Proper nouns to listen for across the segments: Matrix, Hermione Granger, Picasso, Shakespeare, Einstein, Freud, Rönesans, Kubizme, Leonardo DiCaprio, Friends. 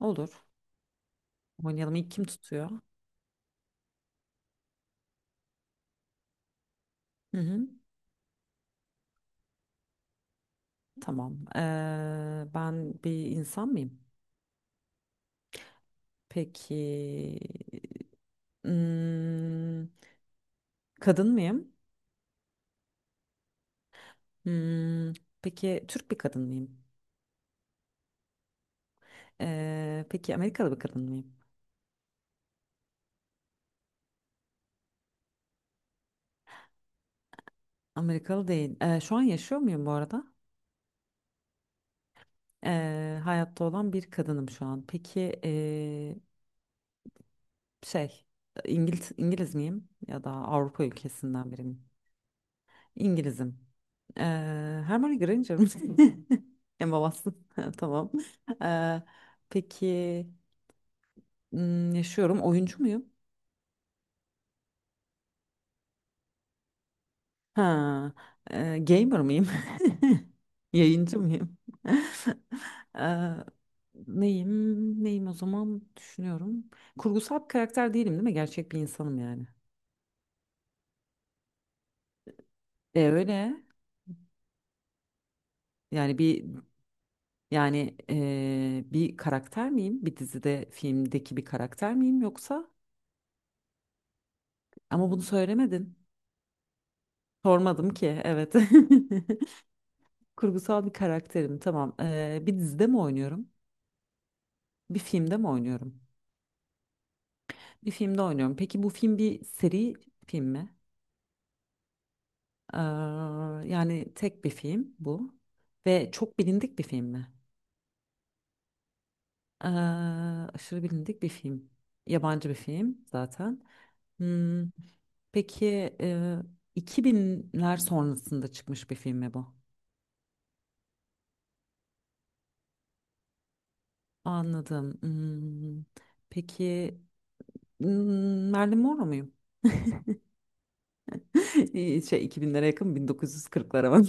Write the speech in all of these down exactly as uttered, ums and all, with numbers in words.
Olur. Oynayalım. İlk kim tutuyor? Hı hı. Tamam. Ee, ben bir insan mıyım? Peki. Hmm, kadın mıyım? Hmm, peki Türk bir kadın mıyım? Ee, peki Amerikalı bir kadın mıyım? Amerikalı değil. Ee, şu an yaşıyor muyum bu arada? Ee, hayatta olan bir kadınım şu an. Peki ee, şey İngiliz, İngiliz miyim? Ya da Avrupa ülkesinden biri miyim? İngilizim. Ee, Hermione Granger mi? En babası. Tamam. Ee, peki hmm, yaşıyorum. Oyuncu muyum? Ha, e, gamer mıyım? Yayıncı mıyım? Ee, neyim? Neyim o zaman düşünüyorum. Kurgusal bir karakter değilim değil mi? Gerçek bir insanım yani. E öyle. Yani bir yani e, bir karakter miyim? Bir dizide, filmdeki bir karakter miyim yoksa? Ama bunu söylemedin. Sormadım ki, evet. Kurgusal bir karakterim, tamam. Ee, bir dizide mi oynuyorum? Bir filmde mi oynuyorum? Bir filmde oynuyorum. Peki bu film bir seri film mi? Ee, Yani tek bir film bu. Ve çok bilindik bir film mi? Ee, Aşırı bilindik bir film. Yabancı bir film zaten. Hmm, peki e, iki binler sonrasında çıkmış bir film mi bu? Anladım. Hmm, peki hmm, Marilyn Monroe muyum? İyi, şey iki binlere yakın bin dokuz yüz kırklara bak.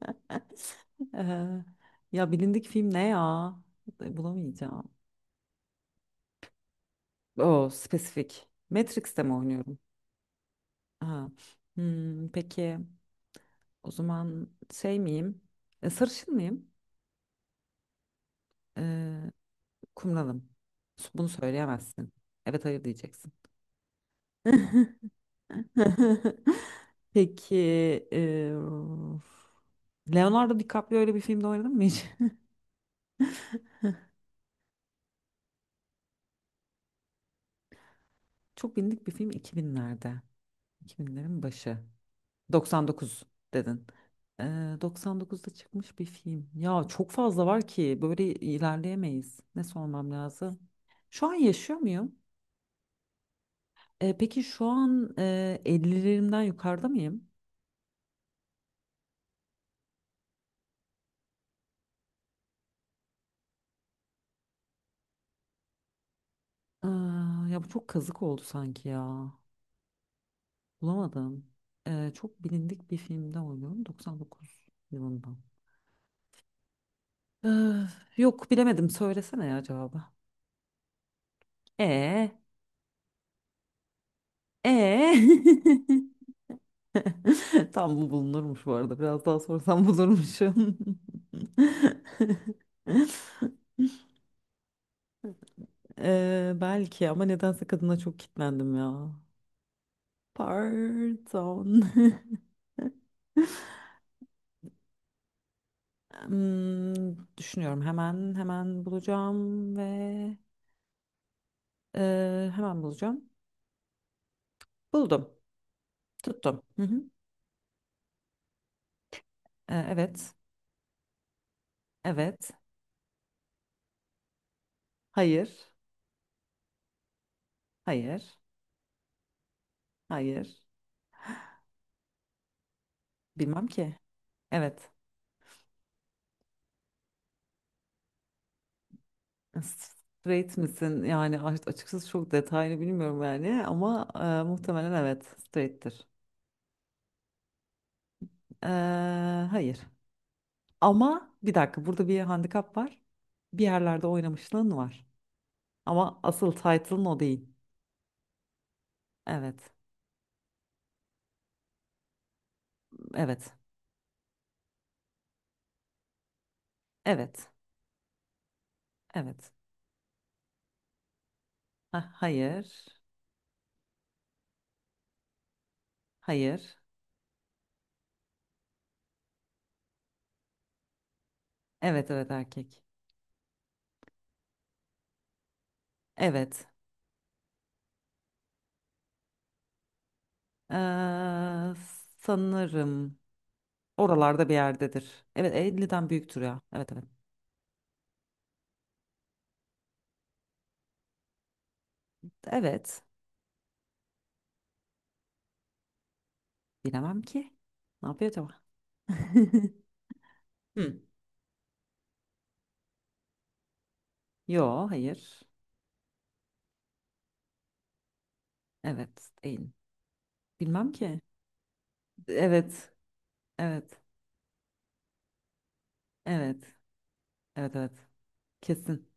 Eee, ya bilindik film ne ya? E, bulamayacağım. O spesifik. Matrix'te mi oynuyorum? Ha. Hmm, peki o zaman şey miyim? E, sarışın mıyım? Eee kumralım. Bunu söyleyemezsin. Evet hayır diyeceksin. Peki eee, Leonardo DiCaprio öyle bir filmde oynadın mı hiç? Çok bilindik bir film iki binlerde. iki binlerin başı. doksan dokuz dedin. Ee, doksan dokuzda çıkmış bir film. Ya çok fazla var ki böyle ilerleyemeyiz. Ne sormam lazım? Şu an yaşıyor muyum? Ee, peki şu an e, ellilerimden yukarıda mıyım? Ee, Ya bu çok kazık oldu sanki ya. Bulamadım. Ee, çok bilindik bir filmde oynuyorum. doksan dokuz yılından. Ee, Yok bilemedim. Söylesene ya cevabı. E e Tam bu bulunurmuş bu arada. Biraz daha sorsam bulurmuşum. Ee, belki ama nedense kadına çok kitlendim ya. Pardon. Hmm, düşünüyorum hemen hemen bulacağım ve e, hemen bulacağım. Buldum. Tuttum. Hı hı. Ee, evet. Evet. Hayır. Hayır. Hayır. Bilmem ki. Evet. Straight misin? Yani a- açıkçası çok detaylı bilmiyorum yani ama e, muhtemelen evet straight'tir. E, hayır. Ama bir dakika burada bir handikap var. Bir yerlerde oynamışlığın var. Ama asıl title'ın o değil. Evet. Evet. Evet. Evet. Ha, hayır. Hayır. Evet evet erkek. Evet. E, sanırım oralarda bir yerdedir. Evet elliden büyüktür ya. Evet evet. Evet. Bilemem ki. Ne yapıyor acaba? Hı. Yo, hayır. Evet, değil. Bilmem ki. Evet, evet, evet, evet, evet. Kesin.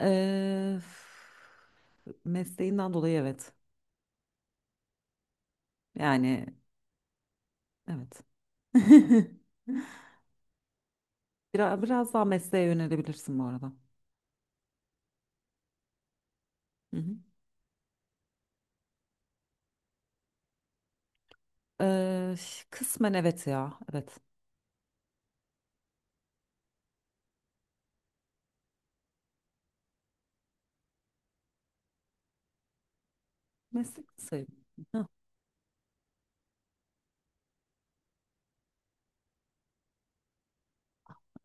Ee, f- mesleğinden dolayı evet. Yani evet. Biraz, biraz daha mesleğe yönelebilirsin bu arada. Hı hı. Ee, ş- kısmen evet ya. Evet. Meslek sayılır. Hah,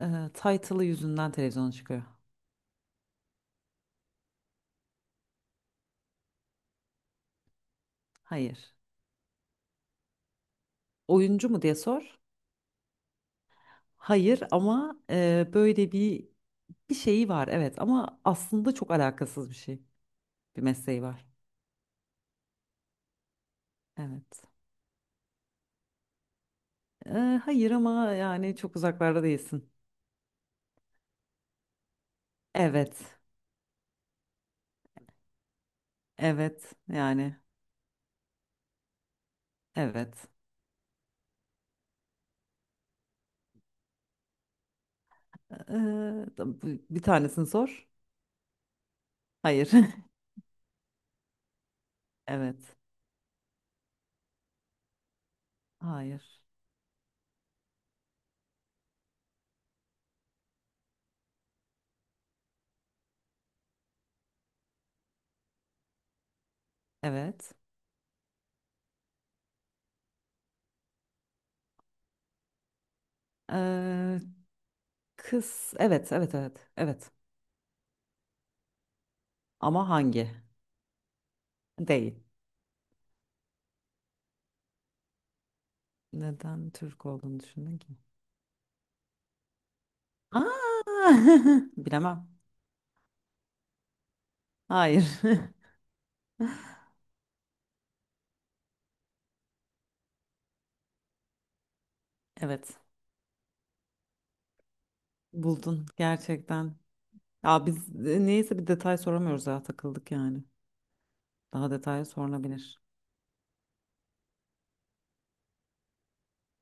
ee, title'ı yüzünden televizyona çıkıyor. Hayır. Oyuncu mu diye sor. Hayır ama e, böyle bir bir şeyi var evet ama aslında çok alakasız bir şey. Bir mesleği var. Evet. E, hayır ama yani çok uzaklarda değilsin. Evet. Evet. Yani evet. E, da- bu- bir tanesini sor. Hayır. Evet. Hayır. Evet. E, kız evet evet evet evet. Ama hangi? Değil. Neden Türk olduğunu düşündün ki? Aa! Bilemem. Hayır. Evet, buldun gerçekten. Ya biz e, neyse bir detay soramıyoruz ya takıldık yani. Daha detay sorulabilir.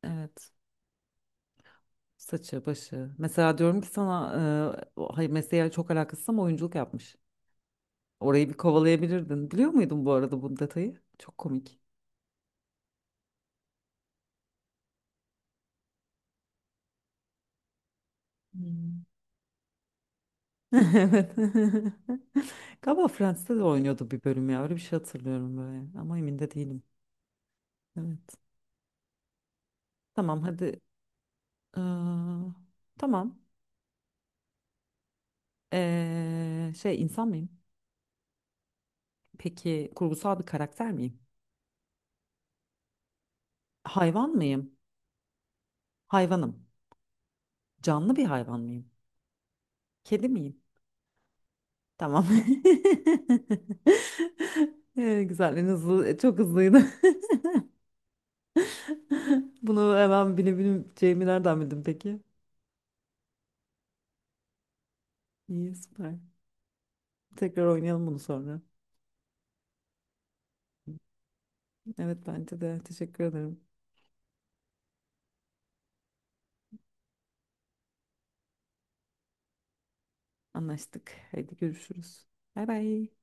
Evet. Saçı, başı. Mesela diyorum ki sana e, o- hayır mesleğe çok alakasız ama oyunculuk yapmış. Orayı bir kovalayabilirdin. Biliyor muydun bu arada bu detayı? Çok komik. Hmm. Evet. Galiba Friends'te de oynuyordu bir bölüm ya. Öyle bir şey hatırlıyorum böyle. Ama emin de değilim. Evet. Tamam hadi. Ee, tamam. Ee, şey insan mıyım? Peki kurgusal bir karakter miyim? Hayvan mıyım? Hayvanım. Canlı bir hayvan mıyım? Kedi miyim? Tamam. Ee, güzel, en hızlı, e, çok hızlıydı. Bunu hemen bilebileceğimi nereden bildin peki? İyi, süper. Tekrar oynayalım bunu sonra. Evet, bence de. Teşekkür ederim. Anlaştık. Haydi görüşürüz. Bay bay.